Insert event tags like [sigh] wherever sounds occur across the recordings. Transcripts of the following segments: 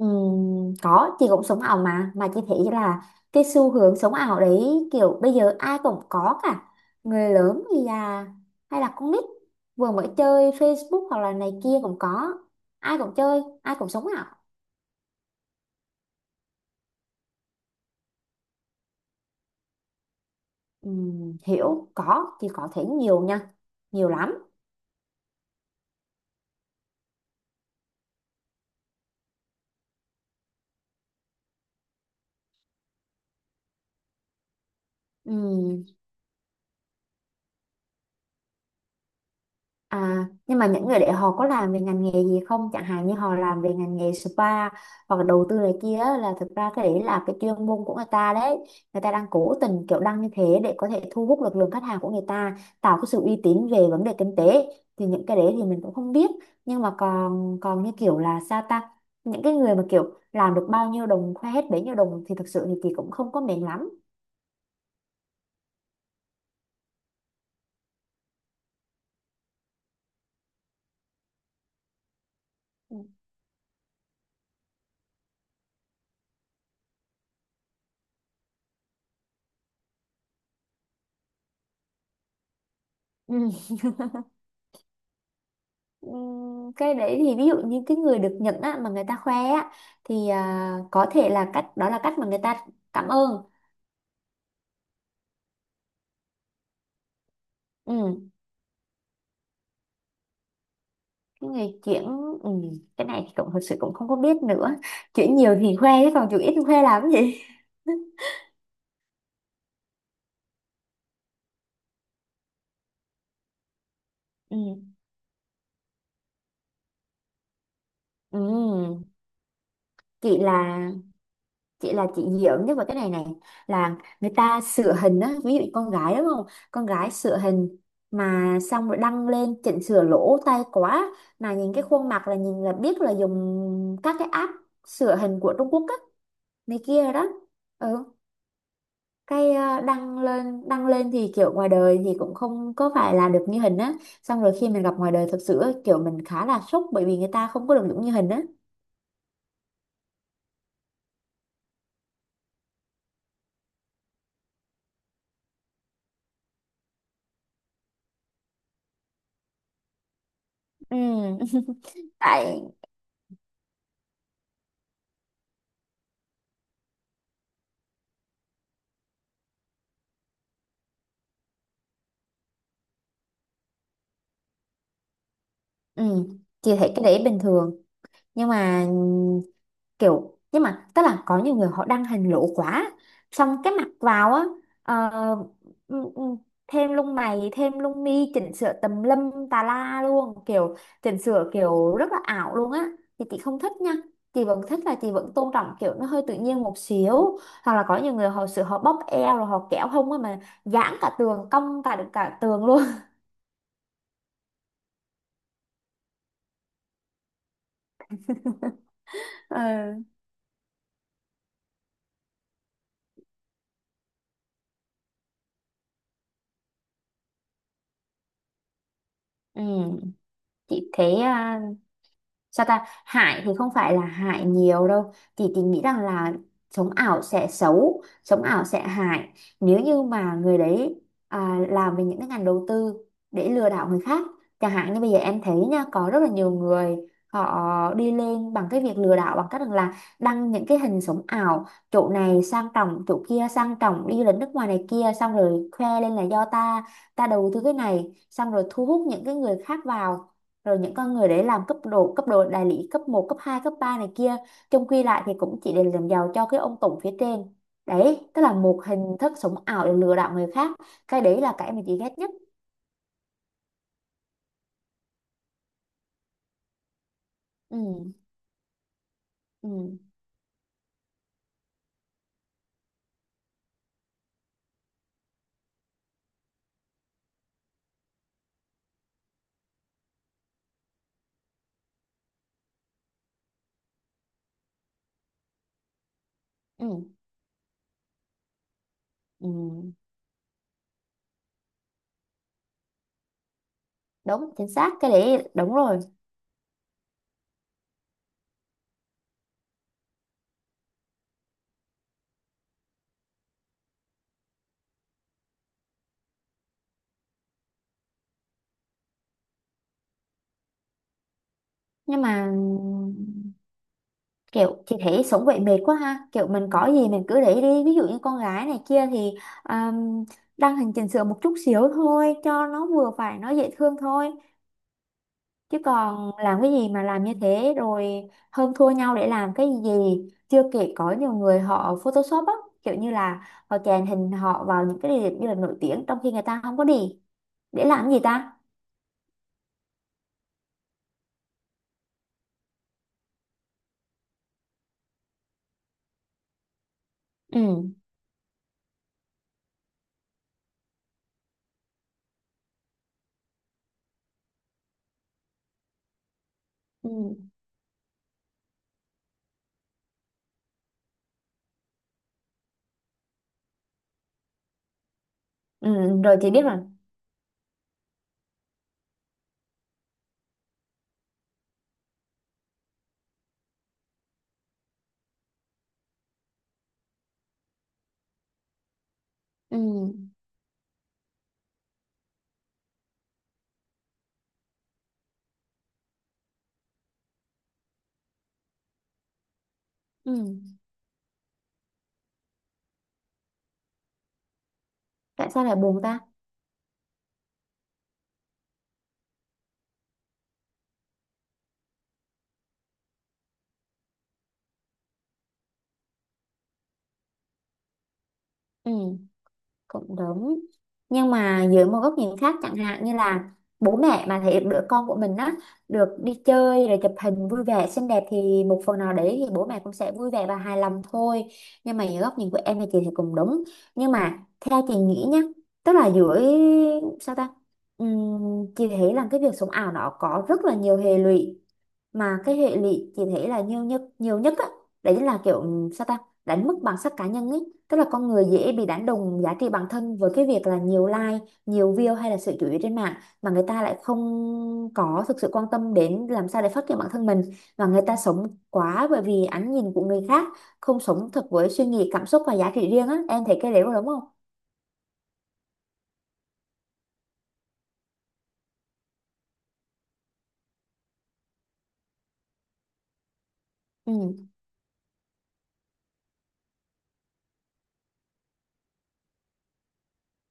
Có chị cũng sống ảo, mà chị thấy là cái xu hướng sống ảo đấy kiểu bây giờ ai cũng có cả, người lớn thì là hay là con nít vừa mới chơi Facebook hoặc là này kia cũng có, ai cũng chơi ai cũng sống ảo. Hiểu, có chị có thấy nhiều nha, nhiều lắm. À, nhưng mà những người đấy họ có làm về ngành nghề gì không? Chẳng hạn như họ làm về ngành nghề spa hoặc là đầu tư này kia á, là thực ra cái đấy là cái chuyên môn của người ta đấy. Người ta đang cố tình kiểu đăng như thế để có thể thu hút lực lượng khách hàng của người ta, tạo cái sự uy tín về vấn đề kinh tế. Thì những cái đấy thì mình cũng không biết. Nhưng mà còn còn như kiểu là sao ta? Những cái người mà kiểu làm được bao nhiêu đồng khoe hết bấy nhiêu đồng thì thực sự thì chị cũng không có mệt lắm. Ừ. Cái đấy thì ví dụ như cái người được nhận á, mà người ta khoe á thì có thể là cách đó là cách mà người ta cảm ơn. Ừ. Cái người chuyển, ừ. Cái này thì cũng thật sự cũng không có biết nữa, chuyển nhiều thì khoe chứ còn chuyển ít thì khoe làm cái gì. [laughs] Ừ. Ừ. chị là chị là chị hiểu nhất vào cái này này, là người ta sửa hình á, ví dụ con gái đúng không, con gái sửa hình mà xong rồi đăng lên chỉnh sửa lỗ tay quá, mà nhìn cái khuôn mặt là nhìn là biết là dùng các cái app sửa hình của Trung Quốc á, này kia đó. Ừ. Cái đăng lên thì kiểu ngoài đời thì cũng không có phải là được như hình á, xong rồi khi mình gặp ngoài đời thật sự á, kiểu mình khá là sốc bởi vì người ta không có được giống như hình á. Ừ. [laughs] Tại. Ừ. Chị thấy cái đấy bình thường, nhưng mà kiểu, nhưng mà tức là có nhiều người họ đăng hình lỗ quá, xong cái mặc vào á, ờ, ừm, ừm, thêm lông mày thêm lông mi chỉnh sửa tùm lum tà la luôn, kiểu chỉnh sửa kiểu rất là ảo luôn á, thì chị không thích nha. Chị vẫn thích là chị vẫn tôn trọng kiểu nó hơi tự nhiên một xíu. Hoặc là có nhiều người họ sửa, họ bóp eo rồi họ kéo hông á, mà giãn cả tường, cong cả cả tường luôn. [laughs] Ừ. Ừ, chị thấy, sao ta, hại thì không phải là hại nhiều đâu, thì tình nghĩ rằng là sống ảo sẽ xấu, sống ảo sẽ hại nếu như mà người đấy làm về những cái ngành đầu tư để lừa đảo người khác. Chẳng hạn như bây giờ em thấy nha, có rất là nhiều người họ đi lên bằng cái việc lừa đảo, bằng cách rằng là đăng những cái hình sống ảo, chỗ này sang trọng chỗ kia sang trọng, đi du lịch nước ngoài này kia, xong rồi khoe lên là do ta, ta đầu tư cái này, xong rồi thu hút những cái người khác vào, rồi những con người đấy làm cấp độ, đại lý cấp một cấp 2 cấp 3 này kia, chung quy lại thì cũng chỉ để làm giàu cho cái ông tổng phía trên đấy. Tức là một hình thức sống ảo để lừa đảo người khác. Cái đấy là cái mình chị ghét nhất. Ừ. ừ ừ ừ Đúng, chính xác, cái đấy đúng rồi. Nhưng mà kiểu chị thấy sống vậy mệt quá ha, kiểu mình có gì mình cứ để đi, ví dụ như con gái này kia thì um, đăng hình chỉnh sửa một chút xíu thôi cho nó vừa phải, nó dễ thương thôi, chứ còn làm cái gì mà làm như thế rồi hơn thua nhau để làm cái gì. Chưa kể có nhiều người họ Photoshop á, kiểu như là họ chèn hình họ vào những cái địa điểm du lịch nổi tiếng trong khi người ta không có đi, để làm gì ta. Ừ. Ừ. Ừ. Rồi, chị biết rồi. Ừ. Ừ. Tại sao lại buồn ta? Ừ, cũng đúng, nhưng mà dưới một góc nhìn khác, chẳng hạn như là bố mẹ mà thấy đứa con của mình á được đi chơi rồi chụp hình vui vẻ xinh đẹp, thì một phần nào đấy thì bố mẹ cũng sẽ vui vẻ và hài lòng thôi. Nhưng mà dưới góc nhìn của em thì, chị thì cũng đúng, nhưng mà theo chị nghĩ nhá, tức là dưới, sao ta, ừm, chị thấy là cái việc sống ảo nó có rất là nhiều hệ lụy, mà cái hệ lụy chị thấy là nhiều nhất á, đấy là kiểu, sao ta, đánh mất bản sắc cá nhân ấy, tức là con người dễ bị đánh đồng giá trị bản thân với cái việc là nhiều like, nhiều view hay là sự chú ý trên mạng, mà người ta lại không có thực sự quan tâm đến làm sao để phát triển bản thân mình, và người ta sống quá bởi vì ánh nhìn của người khác, không sống thật với suy nghĩ cảm xúc và giá trị riêng á, em thấy cái đấy có đúng không. Ừ.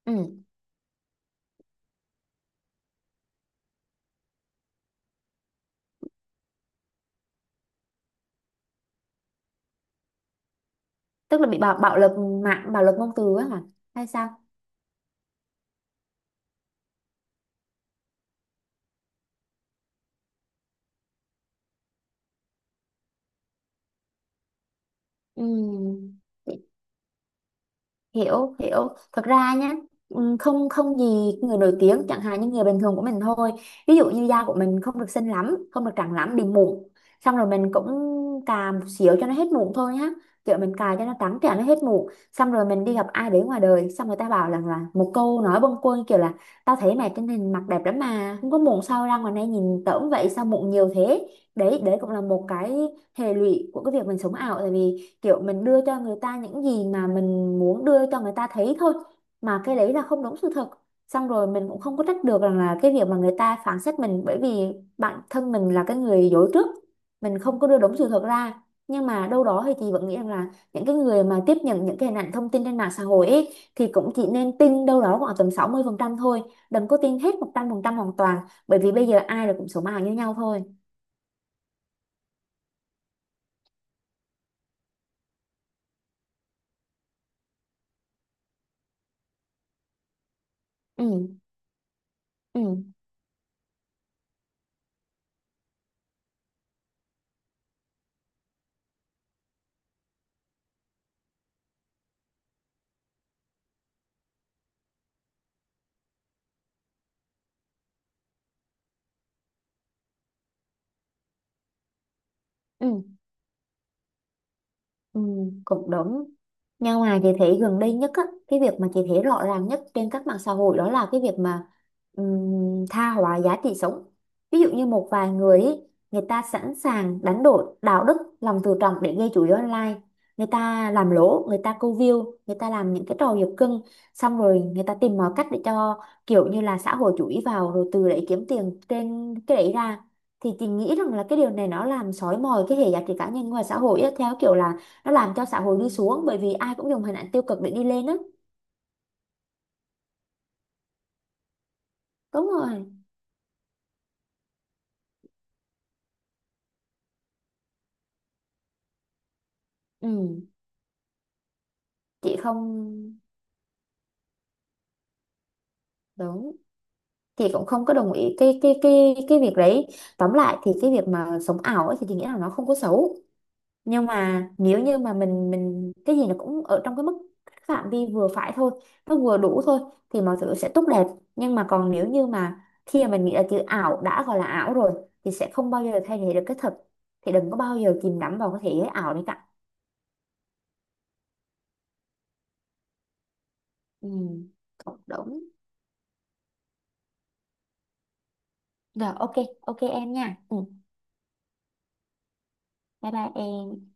Ừ. Tức là bị, bạo bạo lực mạng, bạo lực ngôn từ á hả, hay sao. Ừ. hiểu hiểu thật ra nhá, không, không gì. Người nổi tiếng, chẳng hạn như người bình thường của mình thôi, ví dụ như da của mình không được xinh lắm, không được trắng lắm, bị mụn, xong rồi mình cũng cà một xíu cho nó hết mụn thôi nhá, kiểu mình cà cho nó trắng trẻo, nó hết mụn. Xong rồi mình đi gặp ai đấy ngoài đời, xong người ta bảo rằng là một câu nói bâng quơ kiểu là, tao thấy mày trên hình mặt đẹp lắm mà không có mụn, sao ra ngoài này nhìn tởm vậy, sao mụn nhiều thế. Đấy đấy cũng là một cái hệ lụy của cái việc mình sống ảo. Tại vì kiểu mình đưa cho người ta những gì mà mình muốn đưa cho người ta thấy thôi, mà cái đấy là không đúng sự thật, xong rồi mình cũng không có trách được rằng là cái việc mà người ta phán xét mình, bởi vì bản thân mình là cái người dối trước, mình không có đưa đúng sự thật ra. Nhưng mà đâu đó thì chị vẫn nghĩ rằng là những cái người mà tiếp nhận những cái hình ảnh thông tin trên mạng xã hội ấy, thì cũng chỉ nên tin đâu đó khoảng tầm 60% thôi, đừng có tin hết 100% hoàn toàn, bởi vì bây giờ ai là cũng số mạng như nhau thôi. ừ ừ ừ. Ừ, cũng đúng. Nhưng mà chị thấy gần đây nhất á, cái việc mà chị thấy rõ ràng nhất trên các mạng xã hội đó là cái việc mà, tha hóa giá trị sống. Ví dụ như một vài người ý, người ta sẵn sàng đánh đổi đạo đức, lòng tự trọng để gây chú ý online. Người ta làm lỗ, người ta câu view, người ta làm những cái trò giật cưng, xong rồi người ta tìm mọi cách để cho kiểu như là xã hội chú ý vào, rồi từ đấy kiếm tiền trên cái đấy ra. Thì chị nghĩ rằng là cái điều này nó làm xói mòn cái hệ giá trị cá nhân ngoài xã hội á, theo kiểu là nó làm cho xã hội đi xuống, bởi vì ai cũng dùng hình ảnh tiêu cực để đi lên á. Đúng rồi. Ừ. Chị không, đúng, chị cũng không có đồng ý cái việc đấy. Tóm lại thì cái việc mà sống ảo ấy thì chị nghĩ là nó không có xấu, nhưng mà nếu như mà mình cái gì nó cũng ở trong cái mức phạm vi vừa phải thôi, nó vừa đủ thôi, thì mọi thứ sẽ tốt đẹp. Nhưng mà còn nếu như mà khi mà mình nghĩ là chữ ảo đã gọi là ảo rồi, thì sẽ không bao giờ thay thế được cái thật, thì đừng có bao giờ chìm đắm vào cái thế giới ảo đấy cả. Ừ, cũng đúng. Rồi, ok. Ok em nha. Ừ, bye bye em.